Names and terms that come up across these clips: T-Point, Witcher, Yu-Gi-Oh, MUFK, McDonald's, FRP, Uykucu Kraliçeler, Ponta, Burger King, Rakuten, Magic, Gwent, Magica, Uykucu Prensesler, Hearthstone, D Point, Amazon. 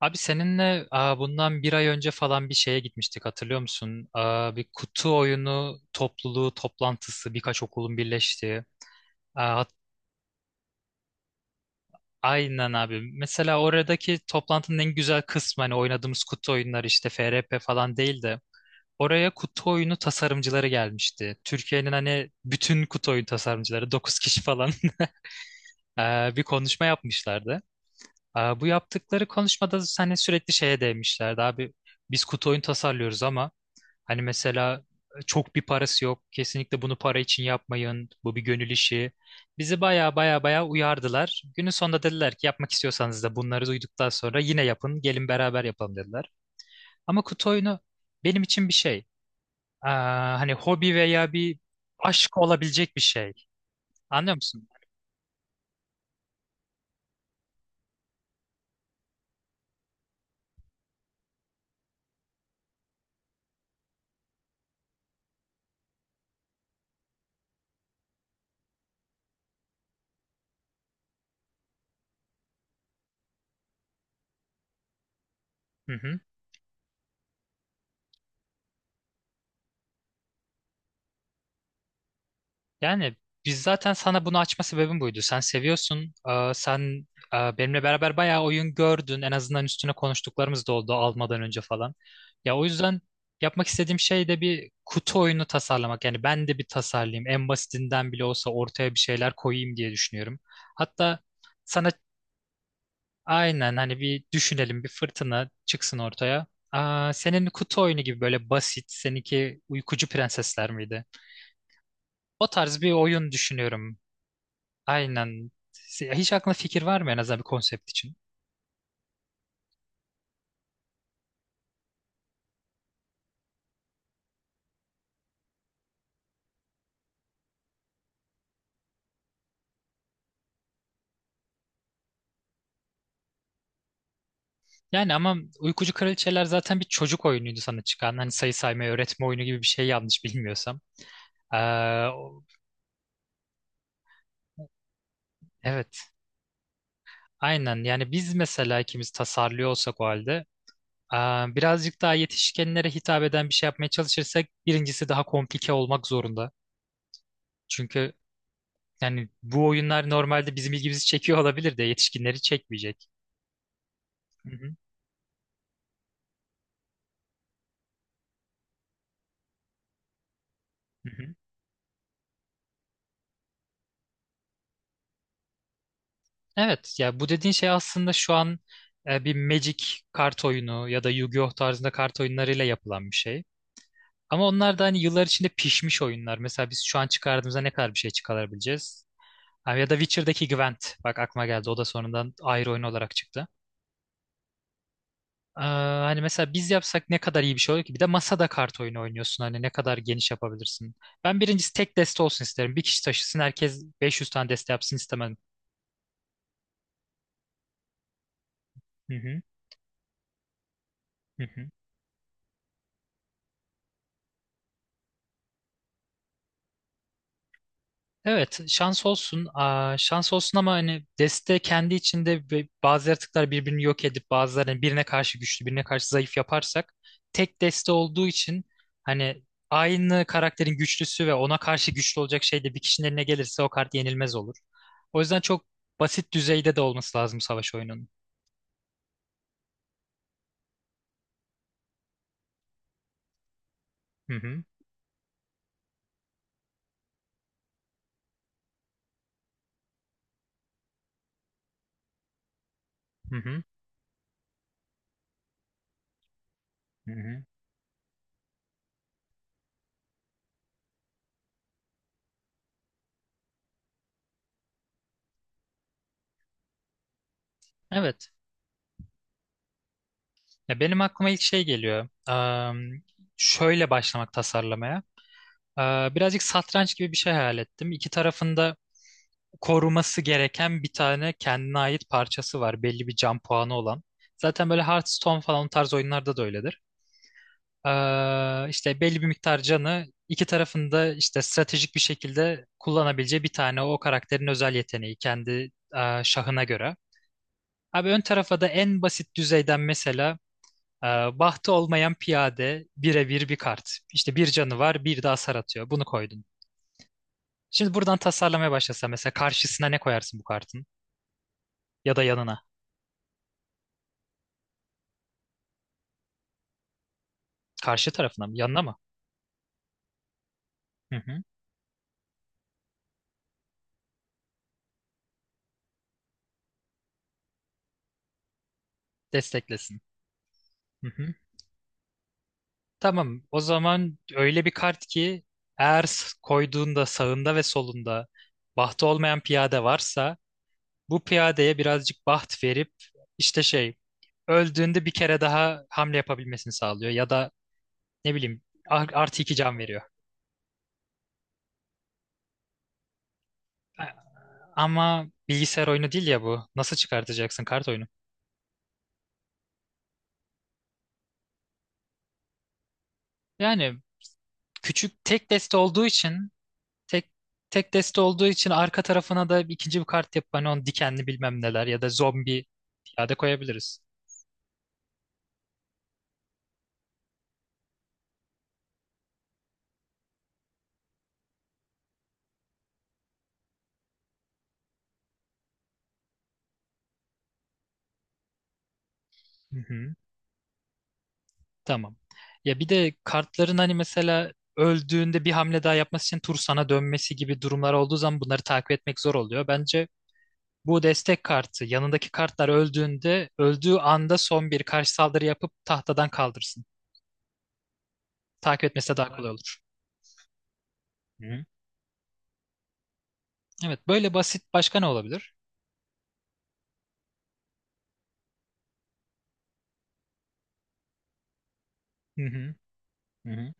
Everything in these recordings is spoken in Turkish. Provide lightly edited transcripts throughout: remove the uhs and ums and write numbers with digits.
Abi seninle bundan bir ay önce falan bir şeye gitmiştik hatırlıyor musun? Bir kutu oyunu topluluğu toplantısı birkaç okulun birleştiği. Aa, hat- aynen abi. Mesela oradaki toplantının en güzel kısmı hani oynadığımız kutu oyunları işte FRP falan değil de oraya kutu oyunu tasarımcıları gelmişti. Türkiye'nin hani bütün kutu oyun tasarımcıları 9 kişi falan. Bir konuşma yapmışlardı. Bu yaptıkları konuşmada hani sürekli şeye değmişlerdi abi. Biz kutu oyun tasarlıyoruz ama hani mesela çok bir parası yok. Kesinlikle bunu para için yapmayın. Bu bir gönül işi. Bizi baya baya baya uyardılar. Günün sonunda dediler ki yapmak istiyorsanız da bunları duyduktan sonra yine yapın. Gelin beraber yapalım dediler. Ama kutu oyunu benim için bir şey. Hani hobi veya bir aşk olabilecek bir şey. Anlıyor musun? Hı hı. Yani biz zaten sana bunu açma sebebim buydu. Sen seviyorsun. Sen benimle beraber bayağı oyun gördün. En azından üstüne konuştuklarımız da oldu almadan önce falan. Ya o yüzden yapmak istediğim şey de bir kutu oyunu tasarlamak. Yani ben de bir tasarlayayım. En basitinden bile olsa ortaya bir şeyler koyayım diye düşünüyorum. Hatta sana aynen hani bir düşünelim bir fırtına çıksın ortaya. Senin kutu oyunu gibi böyle basit, seninki Uykucu Prensesler miydi? O tarz bir oyun düşünüyorum. Aynen. Hiç aklına fikir var mı en azından bir konsept için? Yani ama Uykucu Kraliçeler zaten bir çocuk oyunuydu sana çıkan. Hani sayı saymayı öğretme oyunu gibi bir şey yanlış bilmiyorsam. Ee, o- evet. Aynen. Yani biz mesela ikimiz tasarlıyor olsak o halde ee, birazcık daha yetişkinlere hitap eden bir şey yapmaya çalışırsak birincisi daha komplike olmak zorunda. Çünkü yani bu oyunlar normalde bizim ilgimizi çekiyor olabilir de yetişkinleri çekmeyecek. Hı hı, hı hı. Evet ya bu dediğin şey aslında şu an bir Magic kart oyunu ya da Yu-Gi-Oh tarzında kart oyunlarıyla yapılan bir şey. Ama onlar da hani yıllar içinde pişmiş oyunlar. Mesela biz şu an çıkardığımızda ne kadar bir şey çıkarabileceğiz? Ha, ya da Witcher'daki Gwent. Bak aklıma geldi. O da sonradan ayrı oyun olarak çıktı. Hani mesela biz yapsak ne kadar iyi bir şey olur ki? Bir de masada kart oyunu oynuyorsun. Hani ne kadar geniş yapabilirsin. Ben birincisi tek deste olsun isterim. Bir kişi taşısın herkes 500 tane deste yapsın istemem. Hı hı, hı hı. Evet, şans olsun. Şans olsun ama hani deste kendi içinde bazı yaratıklar birbirini yok edip bazılarını birine karşı güçlü, birine karşı zayıf yaparsak tek deste olduğu için hani aynı karakterin güçlüsü ve ona karşı güçlü olacak şey de bir kişinin eline gelirse o kart yenilmez olur. O yüzden çok basit düzeyde de olması lazım savaş oyununun. Hı hı, hı hı, hı hı. Evet. Ya benim aklıma ilk şey geliyor. Şöyle başlamak tasarlamaya. Birazcık satranç gibi bir şey hayal ettim. İki tarafında koruması gereken bir tane kendine ait parçası var. Belli bir can puanı olan. Zaten böyle Hearthstone falan o tarz oyunlarda da öyledir. İşte belli bir miktar canı iki tarafında işte stratejik bir şekilde kullanabileceği bir tane o karakterin özel yeteneği kendi şahına göre. Abi ön tarafa da en basit düzeyden mesela e, bahtı olmayan piyade birebir bir kart. İşte bir canı var bir de hasar atıyor. Bunu koydun. Şimdi buradan tasarlamaya başlasa mesela karşısına ne koyarsın bu kartın? Ya da yanına. Karşı tarafına mı? Yanına mı? Hı hı. Desteklesin. Hı hı. Tamam. O zaman öyle bir kart ki eğer koyduğunda sağında ve solunda bahtı olmayan piyade varsa bu piyadeye birazcık baht verip işte şey öldüğünde bir kere daha hamle yapabilmesini sağlıyor ya da ne bileyim artı iki can veriyor. A- Ama bilgisayar oyunu değil ya bu. Nasıl çıkartacaksın kart oyunu? Yani küçük tek deste olduğu için tek tek deste olduğu için arka tarafına da ikinci bir kart yapıp hani onu dikenli bilmem neler ya da zombi piyade koyabiliriz. Hı hı, tamam. Ya bir de kartların hani mesela öldüğünde bir hamle daha yapması için tur sana dönmesi gibi durumlar olduğu zaman bunları takip etmek zor oluyor. Bence bu destek kartı yanındaki kartlar öldüğünde öldüğü anda son bir karşı saldırı yapıp tahtadan kaldırsın. Takip etmesi de daha kolay olur. Hı. Evet böyle basit başka ne olabilir? Hı hı. Hı hı.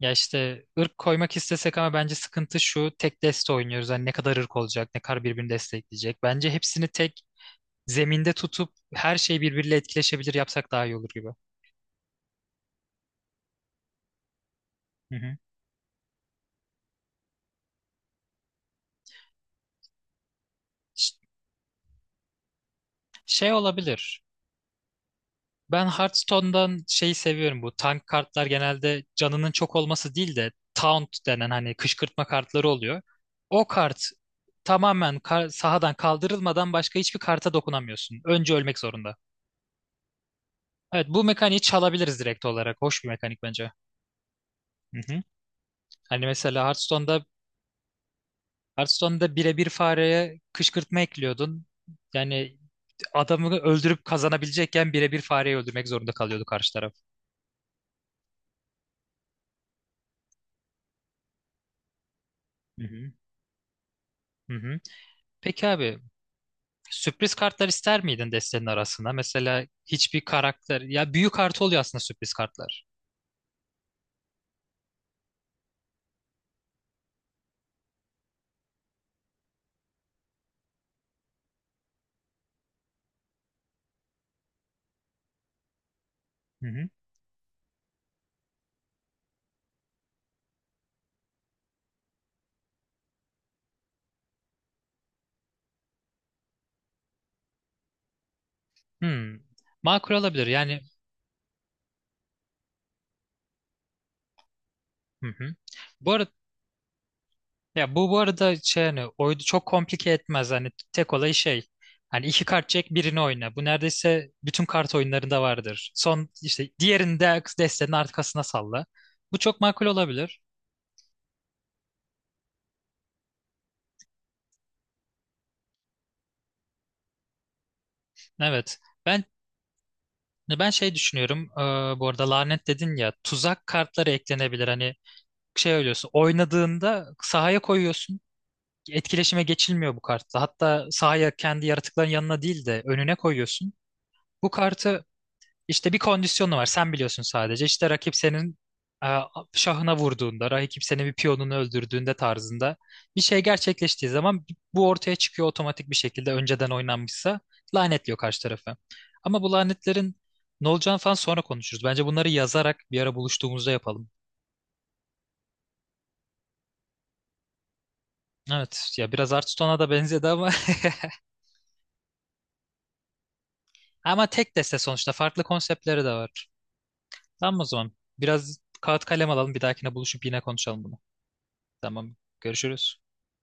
Ya işte ırk koymak istesek ama bence sıkıntı şu tek deste oynuyoruz. Hani ne kadar ırk olacak, ne kadar birbirini destekleyecek. Bence hepsini tek zeminde tutup her şey birbiriyle etkileşebilir yapsak daha iyi olur gibi. Hı hı. Ş- Şey olabilir. Ben Hearthstone'dan şeyi seviyorum bu. Tank kartlar genelde canının çok olması değil de taunt denen hani kışkırtma kartları oluyor. O kart tamamen sahadan kaldırılmadan başka hiçbir karta dokunamıyorsun. Önce ölmek zorunda. Evet bu mekaniği çalabiliriz direkt olarak. Hoş bir mekanik bence. Hı hı. Hani mesela Hearthstone'da birebir fareye kışkırtma ekliyordun. Yani adamı öldürüp kazanabilecekken birebir fareyi öldürmek zorunda kalıyordu karşı taraf. Hı hı. Hı hı. Peki abi sürpriz kartlar ister miydin destenin arasına? Mesela hiçbir karakter ya büyük kartı oluyor aslında sürpriz kartlar. Hı hı. Hmm. Makul olabilir yani. Hı hı. Bu arada Ya bu arada şey hani oyunu çok komplike etmez. Hani tek olay şey. Hani iki kart çek birini oyna. Bu neredeyse bütün kart oyunlarında vardır. Son işte diğerini de destenin arkasına salla. Bu çok makul olabilir. Evet. Ben ben şey düşünüyorum. Bu arada lanet dedin ya tuzak kartları eklenebilir. Hani şey ölüyorsun. Oynadığında sahaya koyuyorsun. Etkileşime geçilmiyor bu kartla. Hatta sahaya kendi yaratıkların yanına değil de önüne koyuyorsun. Bu kartı İşte bir kondisyonu var. Sen biliyorsun sadece. İşte rakip senin e, şahına vurduğunda, rakip senin bir piyonunu öldürdüğünde tarzında bir şey gerçekleştiği zaman bu ortaya çıkıyor otomatik bir şekilde önceden oynanmışsa lanetliyor karşı tarafı. Ama bu lanetlerin ne olacağını falan sonra konuşuruz. Bence bunları yazarak bir ara buluştuğumuzda yapalım. Evet ya biraz Hearthstone'a da benzedi ama ama tek deste sonuçta farklı konseptleri de var. Tamam o zaman biraz kağıt kalem alalım bir dahakine buluşup yine konuşalım bunu. Tamam görüşürüz.